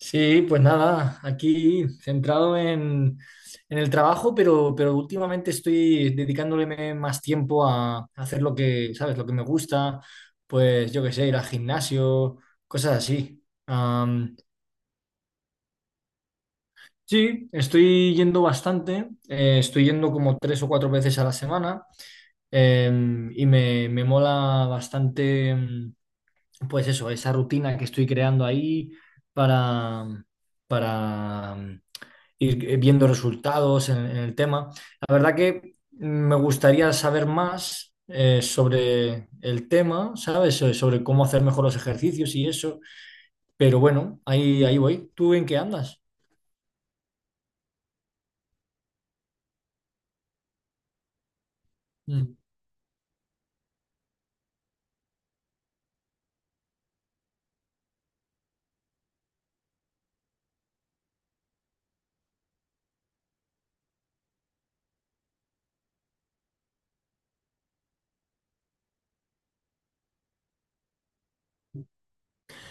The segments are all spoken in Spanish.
Sí, pues nada, aquí centrado en el trabajo, pero últimamente estoy dedicándole más tiempo a hacer lo que, ¿sabes? Lo que me gusta, pues yo qué sé, ir al gimnasio, cosas así. Sí, estoy yendo bastante, estoy yendo como 3 o 4 veces a la semana. Y me mola bastante. Pues eso, esa rutina que estoy creando ahí para, para ir viendo resultados en el tema. La verdad que me gustaría saber más sobre el tema, ¿sabes? Sobre cómo hacer mejor los ejercicios y eso. Pero bueno, ahí voy. ¿Tú en qué andas? Mm.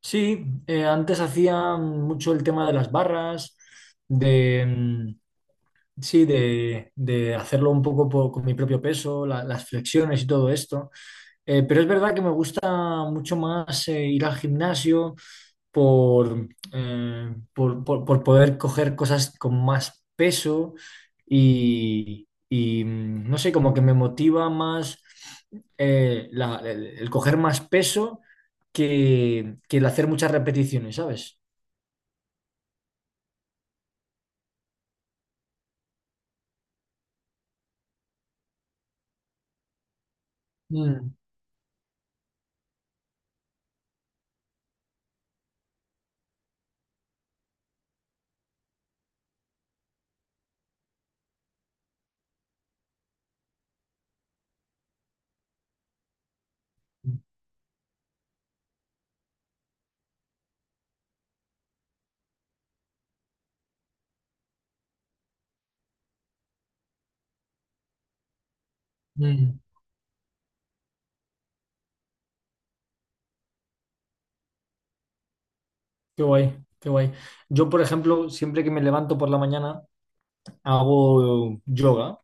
Sí, antes hacía mucho el tema de las barras. de, mm, Sí, de hacerlo un poco con mi propio peso, las flexiones y todo esto. Pero es verdad que me gusta mucho más ir al gimnasio por, por poder coger cosas con más peso y, no sé, como que me motiva más, el coger más peso que el hacer muchas repeticiones, ¿sabes? Mm, mm. Qué guay, qué guay. Yo, por ejemplo, siempre que me levanto por la mañana, hago yoga,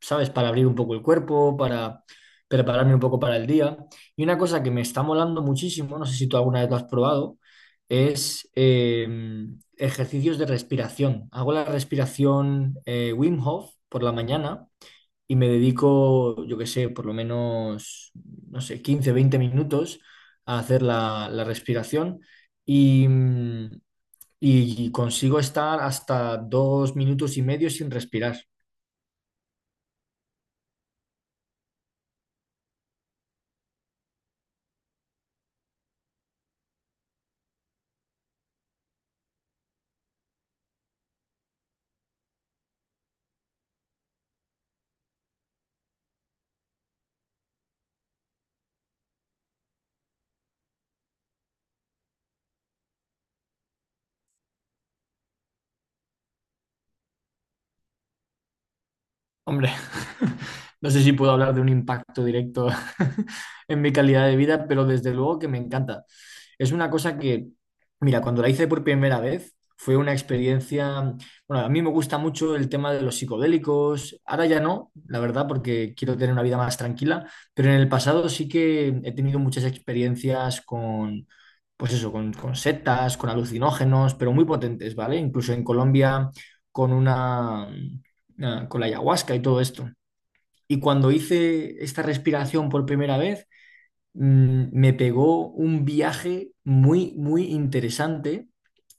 ¿sabes? Para abrir un poco el cuerpo, para prepararme un poco para el día. Y una cosa que me está molando muchísimo, no sé si tú alguna vez lo has probado, es ejercicios de respiración. Hago la respiración, Wim Hof por la mañana y me dedico, yo qué sé, por lo menos, no sé, 15, 20 minutos a hacer la respiración. Y, mm, y consigo estar hasta 2 minutos y medio sin respirar. Hombre, no sé si puedo hablar de un impacto directo en mi calidad de vida, pero desde luego que me encanta. Es una cosa que, mira, cuando la hice por primera vez, fue una experiencia. Bueno, a mí me gusta mucho el tema de los psicodélicos, ahora ya no, la verdad, porque quiero tener una vida más tranquila, pero en el pasado sí que he tenido muchas experiencias con, pues eso, con setas, con alucinógenos, pero muy potentes, ¿vale? Incluso en Colombia con una con la ayahuasca y todo esto. Y cuando hice esta respiración por primera vez, me pegó un viaje muy, muy interesante,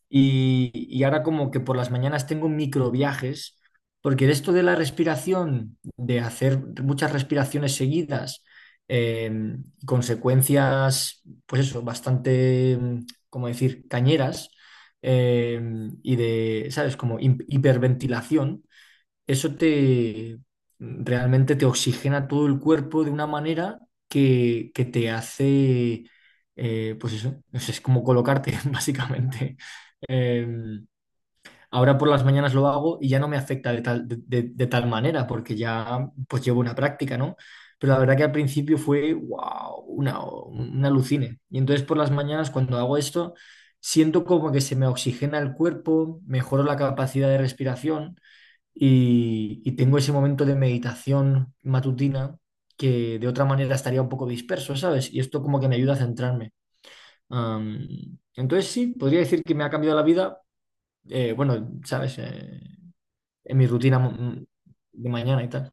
y ahora como que por las mañanas tengo microviajes, porque de esto de la respiración, de hacer muchas respiraciones seguidas, eh, consecuencias, pues eso, bastante, mm, como decir, cañeras, eh, y de, ¿sabes? Como hiperventilación, eso te, realmente te oxigena todo el cuerpo de una manera que te hace, pues eso, es como colocarte, básicamente. Eh, ahora por las mañanas lo hago y ya no me afecta de tal, de tal manera, porque ya pues llevo una práctica, ¿no? Pero la verdad que al principio fue, wow, una alucine. Y entonces por las mañanas cuando hago esto, siento como que se me oxigena el cuerpo, mejoro la capacidad de respiración y tengo ese momento de meditación matutina que de otra manera estaría un poco disperso, ¿sabes? Y esto como que me ayuda a centrarme. Entonces sí, podría decir que me ha cambiado la vida, bueno, ¿sabes? En mi rutina de mañana y tal.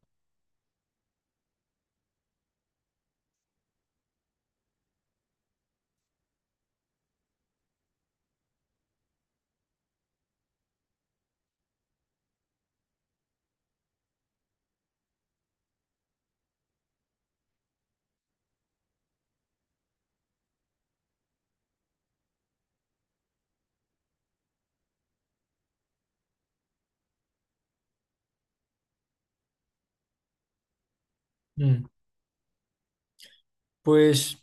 Mm. Pues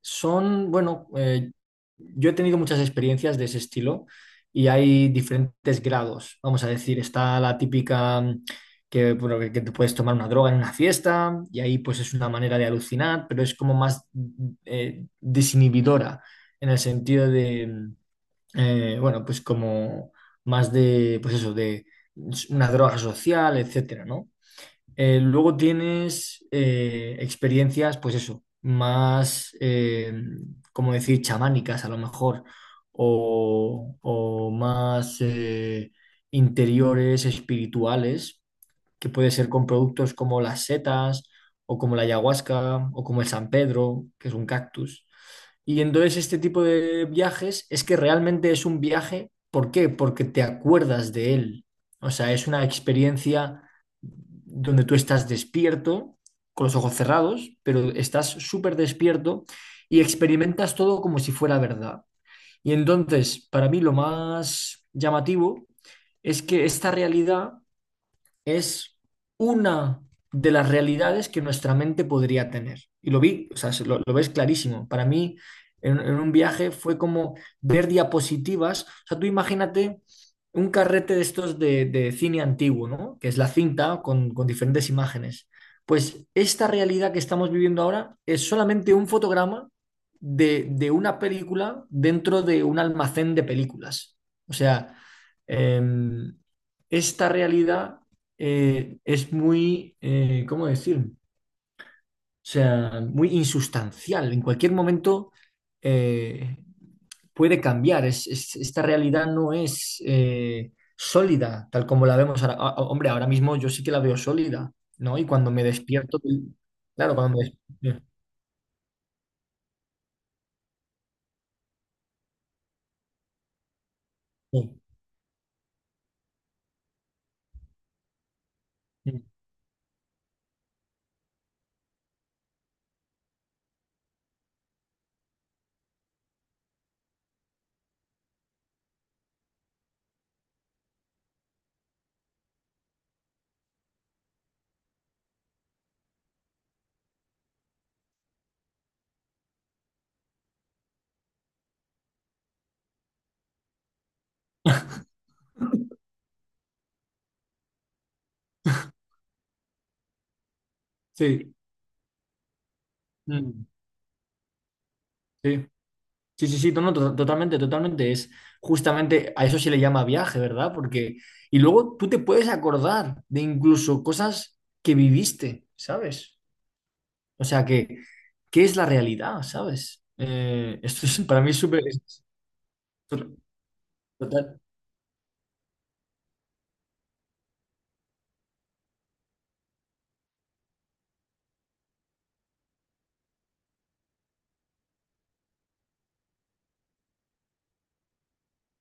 Bueno, yo he tenido muchas experiencias de ese estilo y hay diferentes grados. Vamos a decir, está la típica, que, bueno, que te puedes tomar una droga en una fiesta y ahí pues es una manera de alucinar, pero es como más, desinhibidora, en el sentido de, bueno, pues como más de, pues eso, de una droga social, etcétera, ¿no? Luego tienes, experiencias, pues eso, más, como decir, chamánicas a lo mejor, o más, interiores, espirituales, que puede ser con productos como las setas o como la ayahuasca o como el San Pedro, que es un cactus. Y entonces este tipo de viajes es que realmente es un viaje. ¿Por qué? Porque te acuerdas de él. O sea, es una experiencia donde tú estás despierto, con los ojos cerrados, pero estás súper despierto y experimentas todo como si fuera verdad. Y entonces, para mí, lo más llamativo es que esta realidad es una de las realidades que nuestra mente podría tener. Y lo vi, o sea, lo ves clarísimo. Para mí, en, un viaje fue como ver diapositivas. O sea, tú imagínate un carrete de estos de, cine antiguo, ¿no? Que es la cinta con diferentes imágenes. Pues esta realidad que estamos viviendo ahora es solamente un fotograma de una película, dentro de un almacén de películas. O sea, em, esta realidad, es muy, ¿cómo decir? O sea, muy insustancial. En cualquier momento, eh, puede cambiar. Esta realidad no es, sólida, tal como la vemos ahora. Ah, hombre, ahora mismo yo sí que la veo sólida, ¿no? Y cuando me despierto, claro, cuando me despierto. Sí, sí, mm, sí. Sí, sí, sí, no, no, totalmente, totalmente. Es justamente a eso se le llama viaje, ¿verdad? Porque, y luego tú te puedes acordar de incluso cosas que viviste, ¿sabes? O sea, que, ¿qué es la realidad?, ¿sabes? Esto es, para mí es súper, to- total.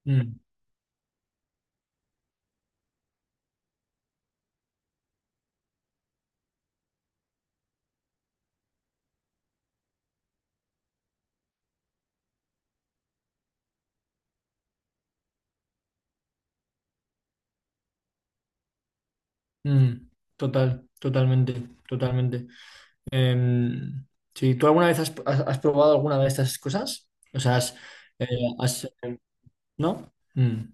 Mm, mm. Total, totalmente, totalmente. Em, sí, ¿tú alguna vez has, has probado alguna de estas cosas? O sea, eh, has- ¿no? Mm,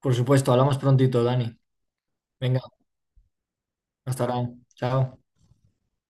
por supuesto, hablamos prontito, Dani. Venga. Hasta ahora. Chao.